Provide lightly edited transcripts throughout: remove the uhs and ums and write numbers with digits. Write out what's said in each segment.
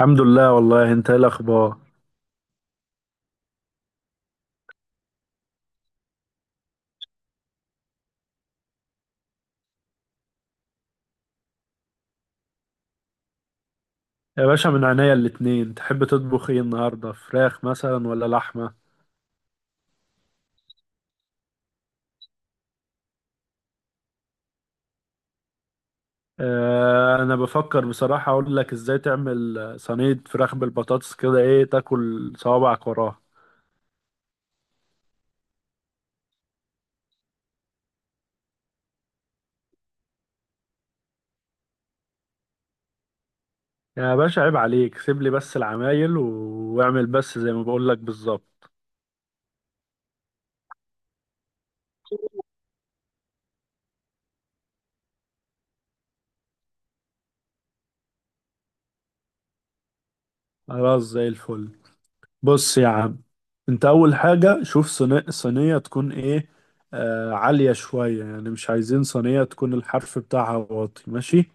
الحمد لله، والله انت ايه الاخبار؟ يا باشا، من عينيا الاتنين. تحب تطبخ ايه النهارده؟ فراخ مثلا ولا لحمه؟ اه، انا بفكر بصراحه اقول لك ازاي تعمل صينيه فراخ بالبطاطس كده، ايه تاكل صوابعك وراها. يا باشا عيب عليك، سيب لي بس العمايل واعمل بس زي ما بقول لك بالظبط. خلاص زي الفل. بص يا عم، انت اول حاجه شوف صينيه، صينيه تكون ايه؟ عاليه شويه، يعني مش عايزين صينيه تكون الحرف بتاعها واطي، ماشي.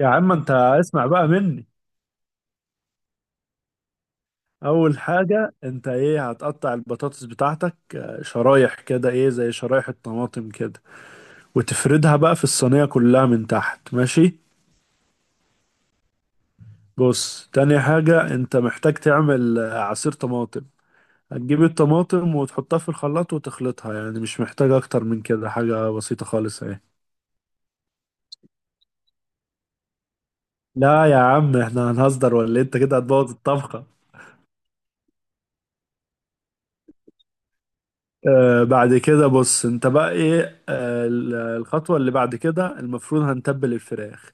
يا عم انت اسمع بقى مني. اول حاجة انت ايه، هتقطع البطاطس بتاعتك شرايح كده، ايه زي شرايح الطماطم كده. وتفردها بقى في الصينية كلها من تحت، ماشي. بص، تاني حاجة انت محتاج تعمل عصير طماطم. هتجيب الطماطم وتحطها في الخلاط وتخلطها، يعني مش محتاج اكتر من كده، حاجة بسيطة خالص اهي. لا يا عم، احنا هنهزر ولا إيه؟ انت كده هتبوظ الطبخة. بعد كده بص، انت بقى ايه، الخطوة اللي بعد كده المفروض هنتبل الفراخ.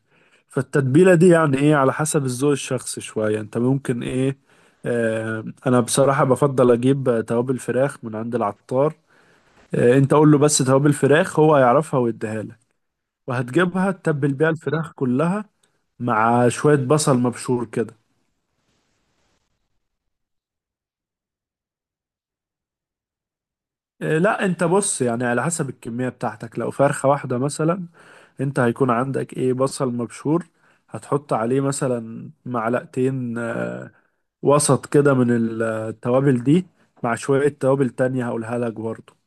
فالتتبيلة دي يعني ايه، على حسب الذوق الشخصي شوية، انت ممكن ايه. انا بصراحة بفضل اجيب توابل فراخ من عند العطار. انت قول له بس توابل فراخ، هو هيعرفها ويديها لك. وهتجيبها تتبل بيها الفراخ كلها، مع شوية بصل مبشور كده. إيه، لا انت بص، يعني على حسب الكمية بتاعتك، لو فرخة واحدة مثلا، انت هيكون عندك ايه بصل مبشور، هتحط عليه مثلا معلقتين وسط كده من التوابل دي، مع شوية توابل تانية هقولها لك برضه.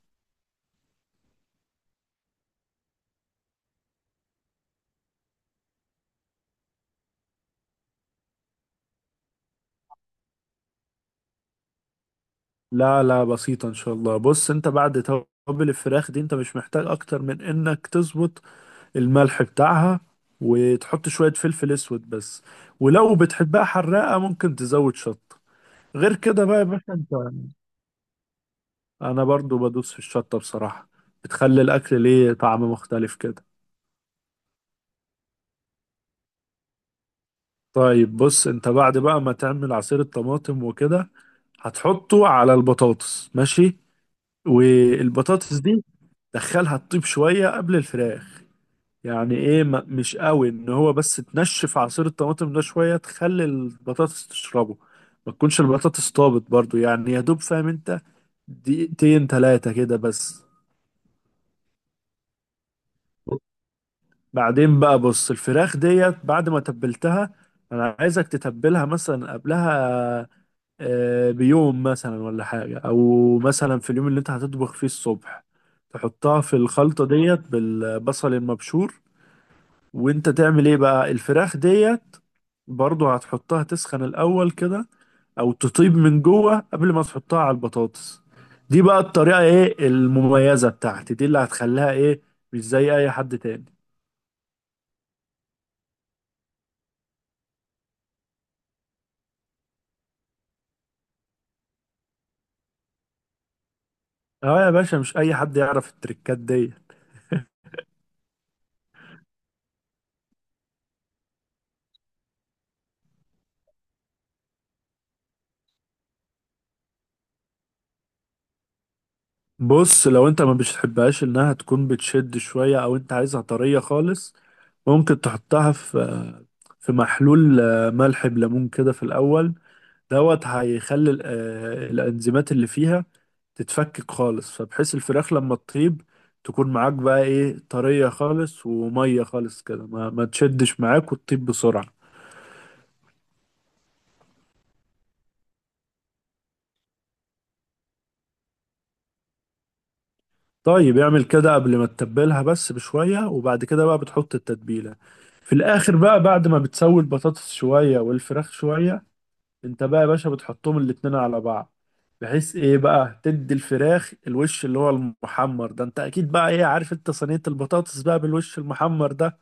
لا لا، بسيطة ان شاء الله. بص، انت بعد توابل الفراخ دي، انت مش محتاج اكتر من انك تظبط الملح بتاعها، وتحط شوية فلفل اسود بس، ولو بتحبها حراقة ممكن تزود شطة. غير كده بقى يا باشا، انت. انا برضو بدوس في الشطة بصراحة، بتخلي الاكل ليه طعم مختلف كده. طيب بص، انت بعد بقى ما تعمل عصير الطماطم وكده، هتحطه على البطاطس، ماشي. والبطاطس دي دخلها تطيب شوية قبل الفراخ، يعني ايه، مش قوي، ان هو بس تنشف عصير الطماطم ده شوية تخلي البطاطس تشربه. ما تكونش البطاطس طابت برضو، يعني يا دوب، فاهم انت؟ دقيقتين تلاتة كده بس. بعدين بقى بص، الفراخ ديت بعد ما تبلتها، انا عايزك تتبلها مثلا قبلها بيوم مثلا ولا حاجة، او مثلا في اليوم اللي انت هتطبخ فيه الصبح، تحطها في الخلطة ديت بالبصل المبشور. وانت تعمل ايه بقى الفراخ ديت؟ برضو هتحطها تسخن الاول كده، او تطيب من جوه قبل ما تحطها على البطاطس. دي بقى الطريقة ايه المميزة بتاعتي دي اللي هتخليها ايه، مش زي اي حد تاني. اه يا باشا، مش اي حد يعرف التريكات دي. بص، لو انت ما بتحبهاش انها تكون بتشد شوية، او انت عايزها طرية خالص، ممكن تحطها في محلول ملح بليمون كده في الاول. دوت هيخلي الانزيمات اللي فيها تتفكك خالص، فبحيث الفراخ لما تطيب تكون معاك بقى ايه طرية خالص ومية خالص كده، ما تشدش معاك وتطيب بسرعة. طيب اعمل كده قبل ما تتبلها بس بشوية، وبعد كده بقى بتحط التتبيلة في الآخر بقى، بعد ما بتسوي البطاطس شوية والفراخ شوية، انت بقى يا باشا بتحطهم الاتنين على بعض، بحيث ايه بقى تدي الفراخ الوش اللي هو المحمر ده، انت اكيد بقى ايه عارف، انت صينية البطاطس بقى بالوش المحمر ده.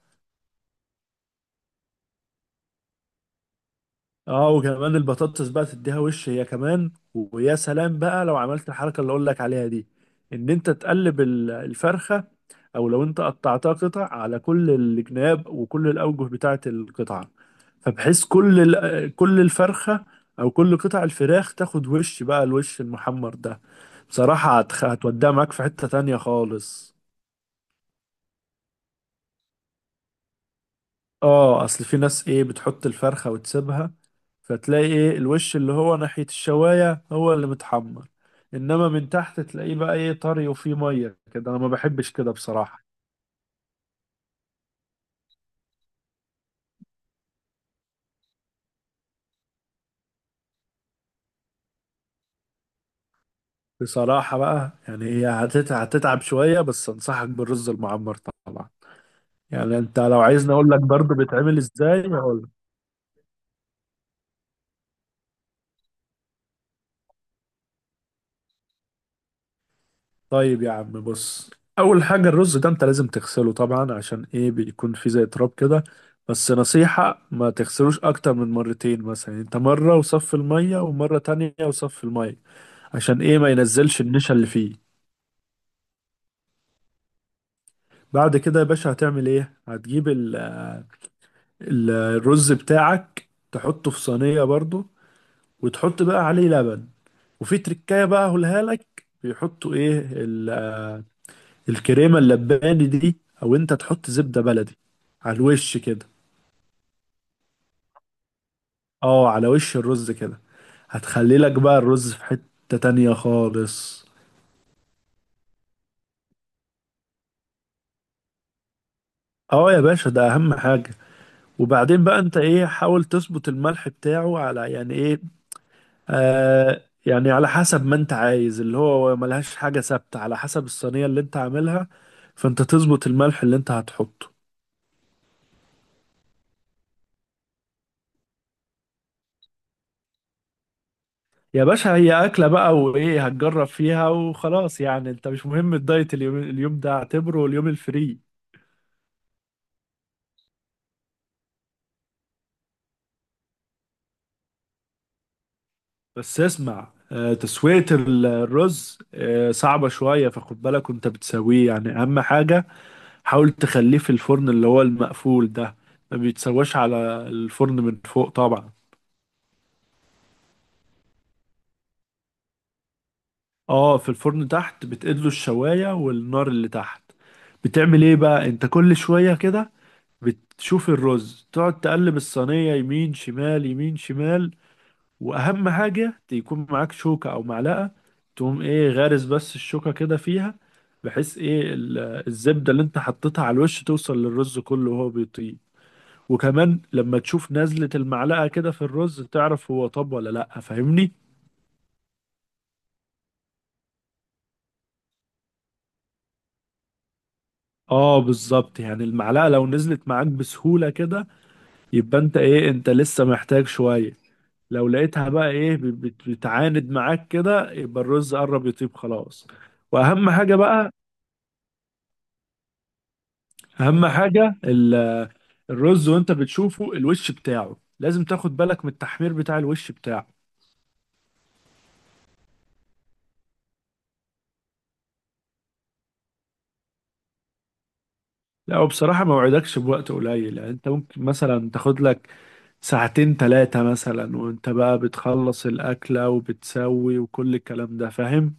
اه، وكمان البطاطس بقى تديها وش هي كمان، ويا سلام بقى لو عملت الحركه اللي اقول لك عليها دي، ان انت تقلب الفرخه، او لو انت قطعتها قطع، على كل الجناب وكل الاوجه بتاعه القطعه، فبحيث كل الفرخه او كل قطع الفراخ تاخد وش بقى الوش المحمر ده. بصراحه هتوديها معاك في حته تانية خالص. اه، اصل في ناس ايه بتحط الفرخه وتسيبها، فتلاقي ايه الوش اللي هو ناحية الشواية هو اللي متحمر، انما من تحت تلاقيه بقى ايه طري وفيه مية كده، انا ما بحبش كده بصراحة. بصراحة بقى يعني هي هتتعب شوية، بس انصحك بالرز المعمر طبعا. يعني انت لو عايزني اقول لك برضه بيتعمل ازاي، هقول لك. طيب يا عم بص، اول حاجة، الرز ده انت لازم تغسله طبعا، عشان ايه، بيكون فيه زي تراب كده. بس نصيحة، ما تغسلوش اكتر من مرتين، مثلا انت مرة وصف المية ومرة تانية وصف المية، عشان ايه، ما ينزلش النشا اللي فيه. بعد كده يا باشا هتعمل ايه، هتجيب ال... الرز بتاعك تحطه في صينية برضو، وتحط بقى عليه لبن، وفي تركاية بقى هقولها لك، بيحطوا ايه ال... الكريمة اللباني دي، او انت تحط زبدة بلدي على الوش كده. اه، على وش الرز كده. هتخلي لك بقى الرز في حتة تانية خالص. اه يا باشا، ده اهم حاجة. وبعدين بقى انت ايه، حاول تظبط الملح بتاعه على يعني ايه، يعني على حسب ما انت عايز، اللي هو ملهاش حاجة ثابتة، على حسب الصينية اللي انت عاملها، فانت تظبط الملح اللي انت هتحطه. يا باشا هي أكلة بقى وإيه، هتجرب فيها وخلاص، يعني انت مش مهم الدايت، اليوم ده اعتبره اليوم الفري. بس اسمع، تسوية الرز صعبة شوية، فخد بالك وانت بتسويه، يعني أهم حاجة، حاول تخليه في الفرن اللي هو المقفول ده. ما بيتسواش على الفرن من فوق طبعا. اه، في الفرن تحت بتقله، الشواية والنار اللي تحت بتعمل ايه بقى، انت كل شوية كده بتشوف الرز، تقعد تقلب الصينية يمين شمال يمين شمال. واهم حاجة يكون معاك شوكة او معلقة، تقوم ايه غارس بس الشوكة كده فيها، بحيث ايه الزبدة اللي انت حطيتها على الوش توصل للرز كله وهو بيطيب. وكمان لما تشوف نزلة المعلقة كده في الرز تعرف هو طب ولا لأ، فاهمني؟ اه بالظبط، يعني المعلقة لو نزلت معاك بسهولة كده، يبقى انت ايه، انت لسه محتاج شوية. لو لقيتها بقى ايه بتعاند معاك كده، يبقى الرز قرب يطيب خلاص. واهم حاجة بقى، اهم حاجة الرز وانت بتشوفه الوش بتاعه لازم تاخد بالك من التحمير بتاع الوش بتاعه. لا وبصراحة ما وعدكش بوقت قليل، يعني انت ممكن مثلا تاخد لك ساعتين تلاتة مثلا وانت بقى بتخلص الأكلة وبتسوي وكل الكلام ده، فاهم؟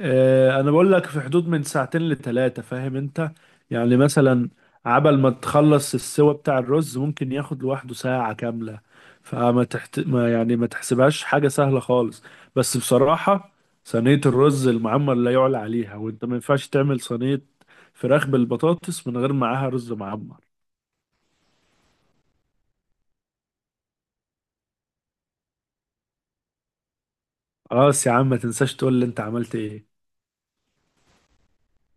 انا بقول لك في حدود من ساعتين لتلاتة، فاهم انت؟ يعني مثلا عبل ما تخلص السوا بتاع الرز ممكن ياخد لوحده ساعة كاملة، فما تحت... ما يعني، ما تحسبهاش حاجة سهلة خالص. بس بصراحة، صينية الرز المعمر لا يعلى عليها، وانت ما ينفعش تعمل صينية فراخ بالبطاطس من غير معاها رز معمر. خلاص يا عم، ما تنساش تقول لي انت عملت ايه.